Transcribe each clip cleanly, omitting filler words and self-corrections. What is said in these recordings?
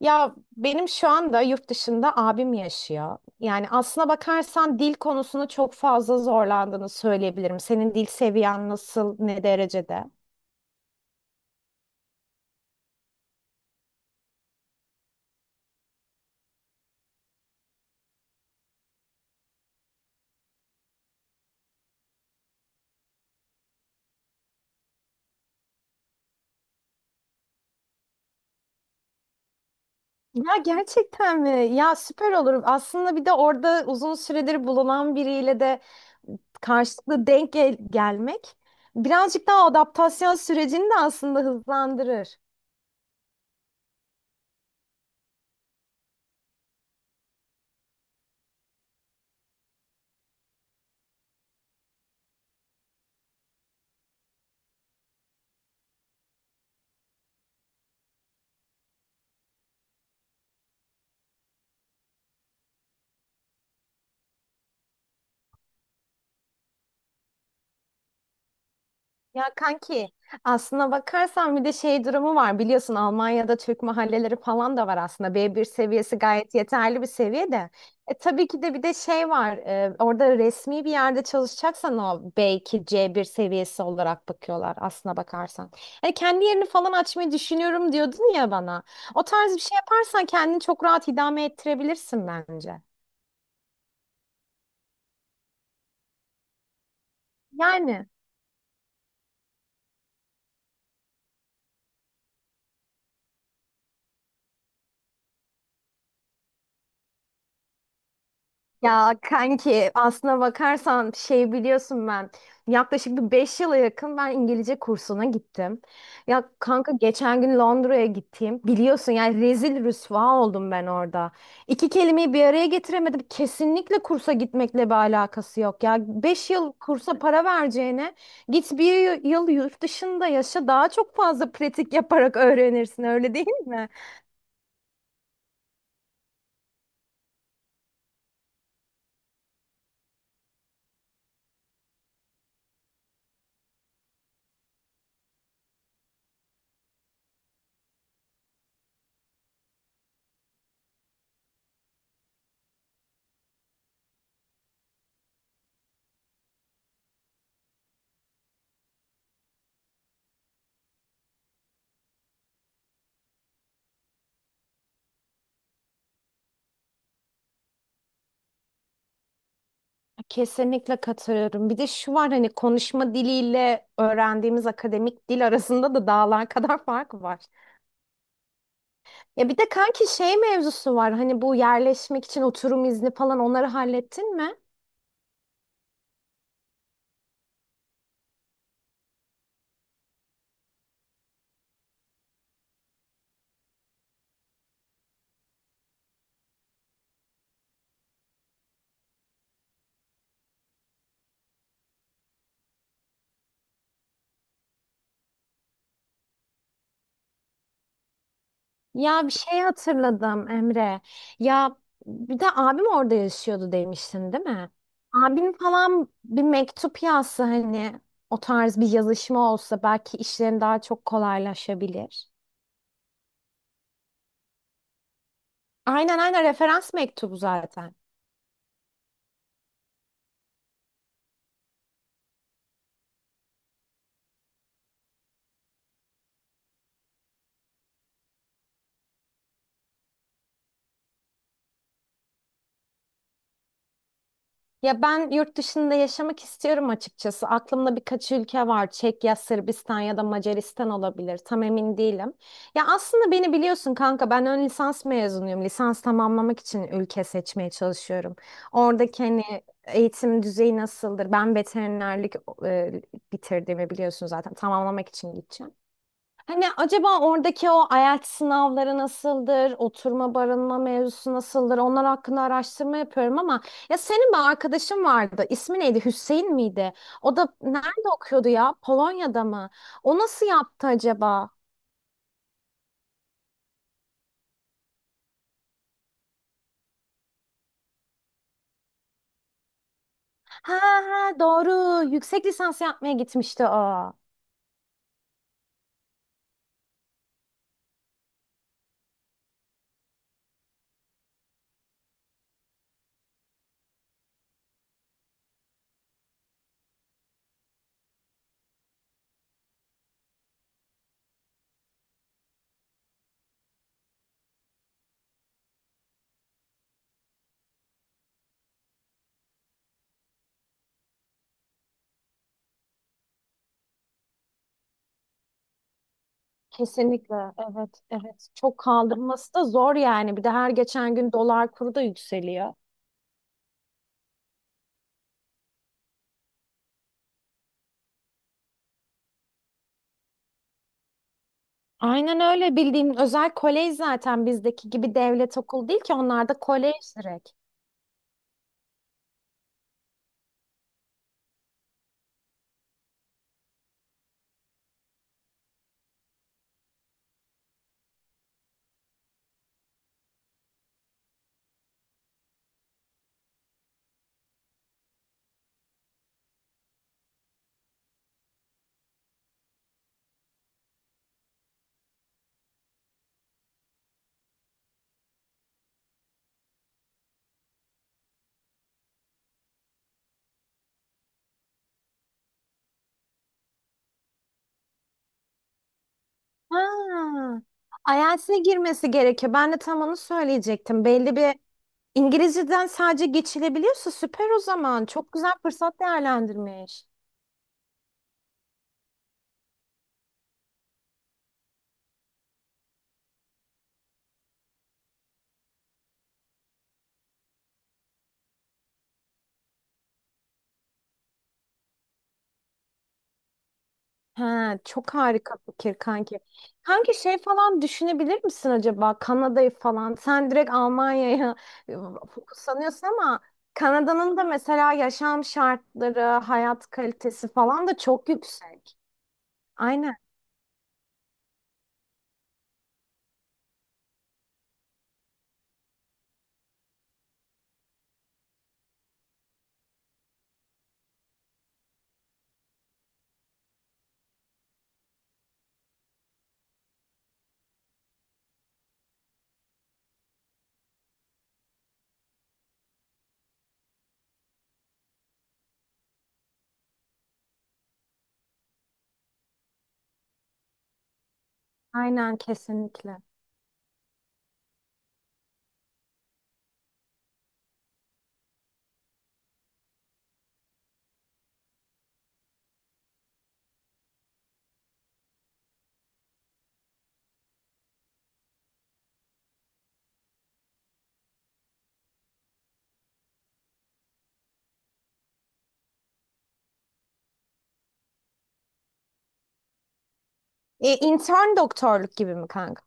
Ya benim şu anda yurt dışında abim yaşıyor. Yani aslına bakarsan dil konusunu çok fazla zorlandığını söyleyebilirim. Senin dil seviyen nasıl, ne derecede? Ya gerçekten mi? Ya süper olur. Aslında bir de orada uzun süredir bulunan biriyle de karşılıklı gelmek birazcık daha adaptasyon sürecini de aslında hızlandırır. Ya kanki aslına bakarsan bir de şey durumu var, biliyorsun Almanya'da Türk mahalleleri falan da var, aslında b bir seviyesi gayet yeterli bir seviye de. Tabii ki de bir de şey var, orada resmi bir yerde çalışacaksan o belki c bir seviyesi olarak bakıyorlar aslına bakarsan. Hani kendi yerini falan açmayı düşünüyorum diyordun ya bana, o tarz bir şey yaparsan kendini çok rahat idame ettirebilirsin bence. Yani. Ya kanki aslına bakarsan şey, biliyorsun ben yaklaşık bir beş yıla yakın İngilizce kursuna gittim. Ya kanka geçen gün Londra'ya gittiğim biliyorsun, yani rezil rüsva oldum ben orada. İki kelimeyi bir araya getiremedim. Kesinlikle kursa gitmekle bir alakası yok. Ya 5 yıl kursa para vereceğine git bir yıl yurt dışında yaşa, daha çok fazla pratik yaparak öğrenirsin, öyle değil mi? Kesinlikle katılıyorum. Bir de şu var, hani konuşma diliyle öğrendiğimiz akademik dil arasında da dağlar kadar fark var. Ya bir de kanki şey mevzusu var. Hani bu yerleşmek için oturum izni falan onları hallettin mi? Ya bir şey hatırladım Emre. Ya bir de abim orada yaşıyordu demiştin, değil mi? Abim falan bir mektup yazsa, hani o tarz bir yazışma olsa belki işlerin daha çok kolaylaşabilir. Aynen, aynen, referans mektubu zaten. Ya ben yurt dışında yaşamak istiyorum açıkçası. Aklımda birkaç ülke var. Çekya, Sırbistan ya da Macaristan olabilir. Tam emin değilim. Ya aslında beni biliyorsun kanka, ben ön lisans mezunuyum. Lisans tamamlamak için ülke seçmeye çalışıyorum. Oradaki hani eğitim düzeyi nasıldır? Ben veterinerlik e, bitirdiğimi biliyorsun zaten. Tamamlamak için gideceğim. Hani acaba oradaki o IELTS sınavları nasıldır, oturma barınma mevzusu nasıldır, onlar hakkında araştırma yapıyorum ama ya senin bir arkadaşın vardı, ismi neydi, Hüseyin miydi? O da nerede okuyordu ya, Polonya'da mı? O nasıl yaptı acaba? Ha, ha, doğru, yüksek lisans yapmaya gitmişti o. Kesinlikle, evet, evet. Çok kaldırması da zor yani. Bir de her geçen gün dolar kuru da yükseliyor. Aynen öyle, bildiğin özel kolej zaten, bizdeki gibi devlet okulu değil ki, onlarda kolej direkt. Ha, IELTS'e girmesi gerekiyor. Ben de tam onu söyleyecektim. Belli bir İngilizceden sadece geçilebiliyorsa süper o zaman. Çok güzel fırsat değerlendirmiş. He, çok harika fikir kanki. Kanki şey falan düşünebilir misin acaba, Kanada'yı falan? Sen direkt Almanya'ya e, fokuslanıyorsun ama Kanada'nın da mesela yaşam şartları, hayat kalitesi falan da çok yüksek. Aynen, aynen, kesinlikle. Intern doktorluk gibi mi kanka?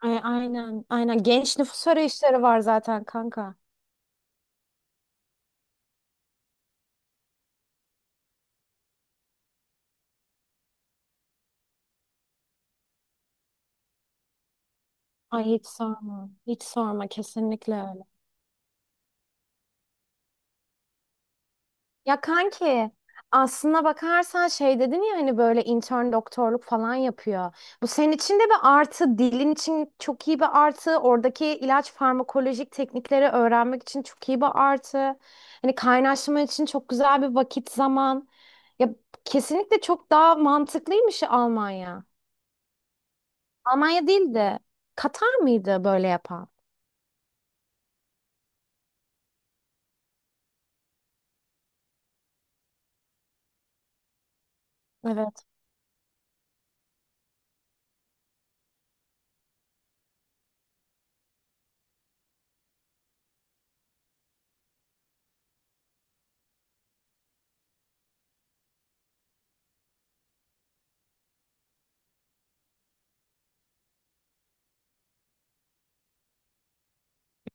Ay, aynen, aynen. Genç nüfus arayışları var zaten kanka. Ay, hiç sorma, hiç sorma, kesinlikle öyle. Ya kanki aslına bakarsan şey dedin ya, hani böyle intern doktorluk falan yapıyor. Bu senin için de bir artı, dilin için çok iyi bir artı, oradaki ilaç farmakolojik teknikleri öğrenmek için çok iyi bir artı. Hani kaynaşma için çok güzel bir vakit zaman. Ya kesinlikle çok daha mantıklıymış Almanya. Almanya değil de Katar mıydı böyle yapan?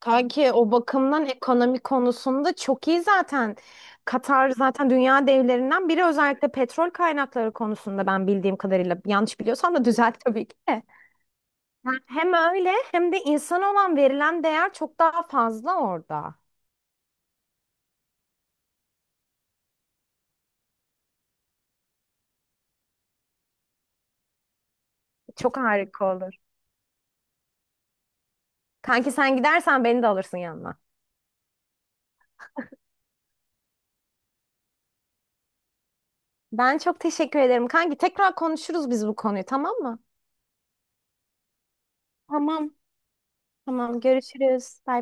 Kanki o bakımdan ekonomi konusunda çok iyi zaten. Katar zaten dünya devlerinden biri, özellikle petrol kaynakları konusunda ben bildiğim kadarıyla. Yanlış biliyorsam da düzelt tabii ki de. Yani hem öyle hem de insan olan verilen değer çok daha fazla orada. Çok harika olur. Kanki sen gidersen beni de alırsın yanına. Ben çok teşekkür ederim. Kanki tekrar konuşuruz biz bu konuyu, tamam mı? Tamam. Tamam, görüşürüz. Bay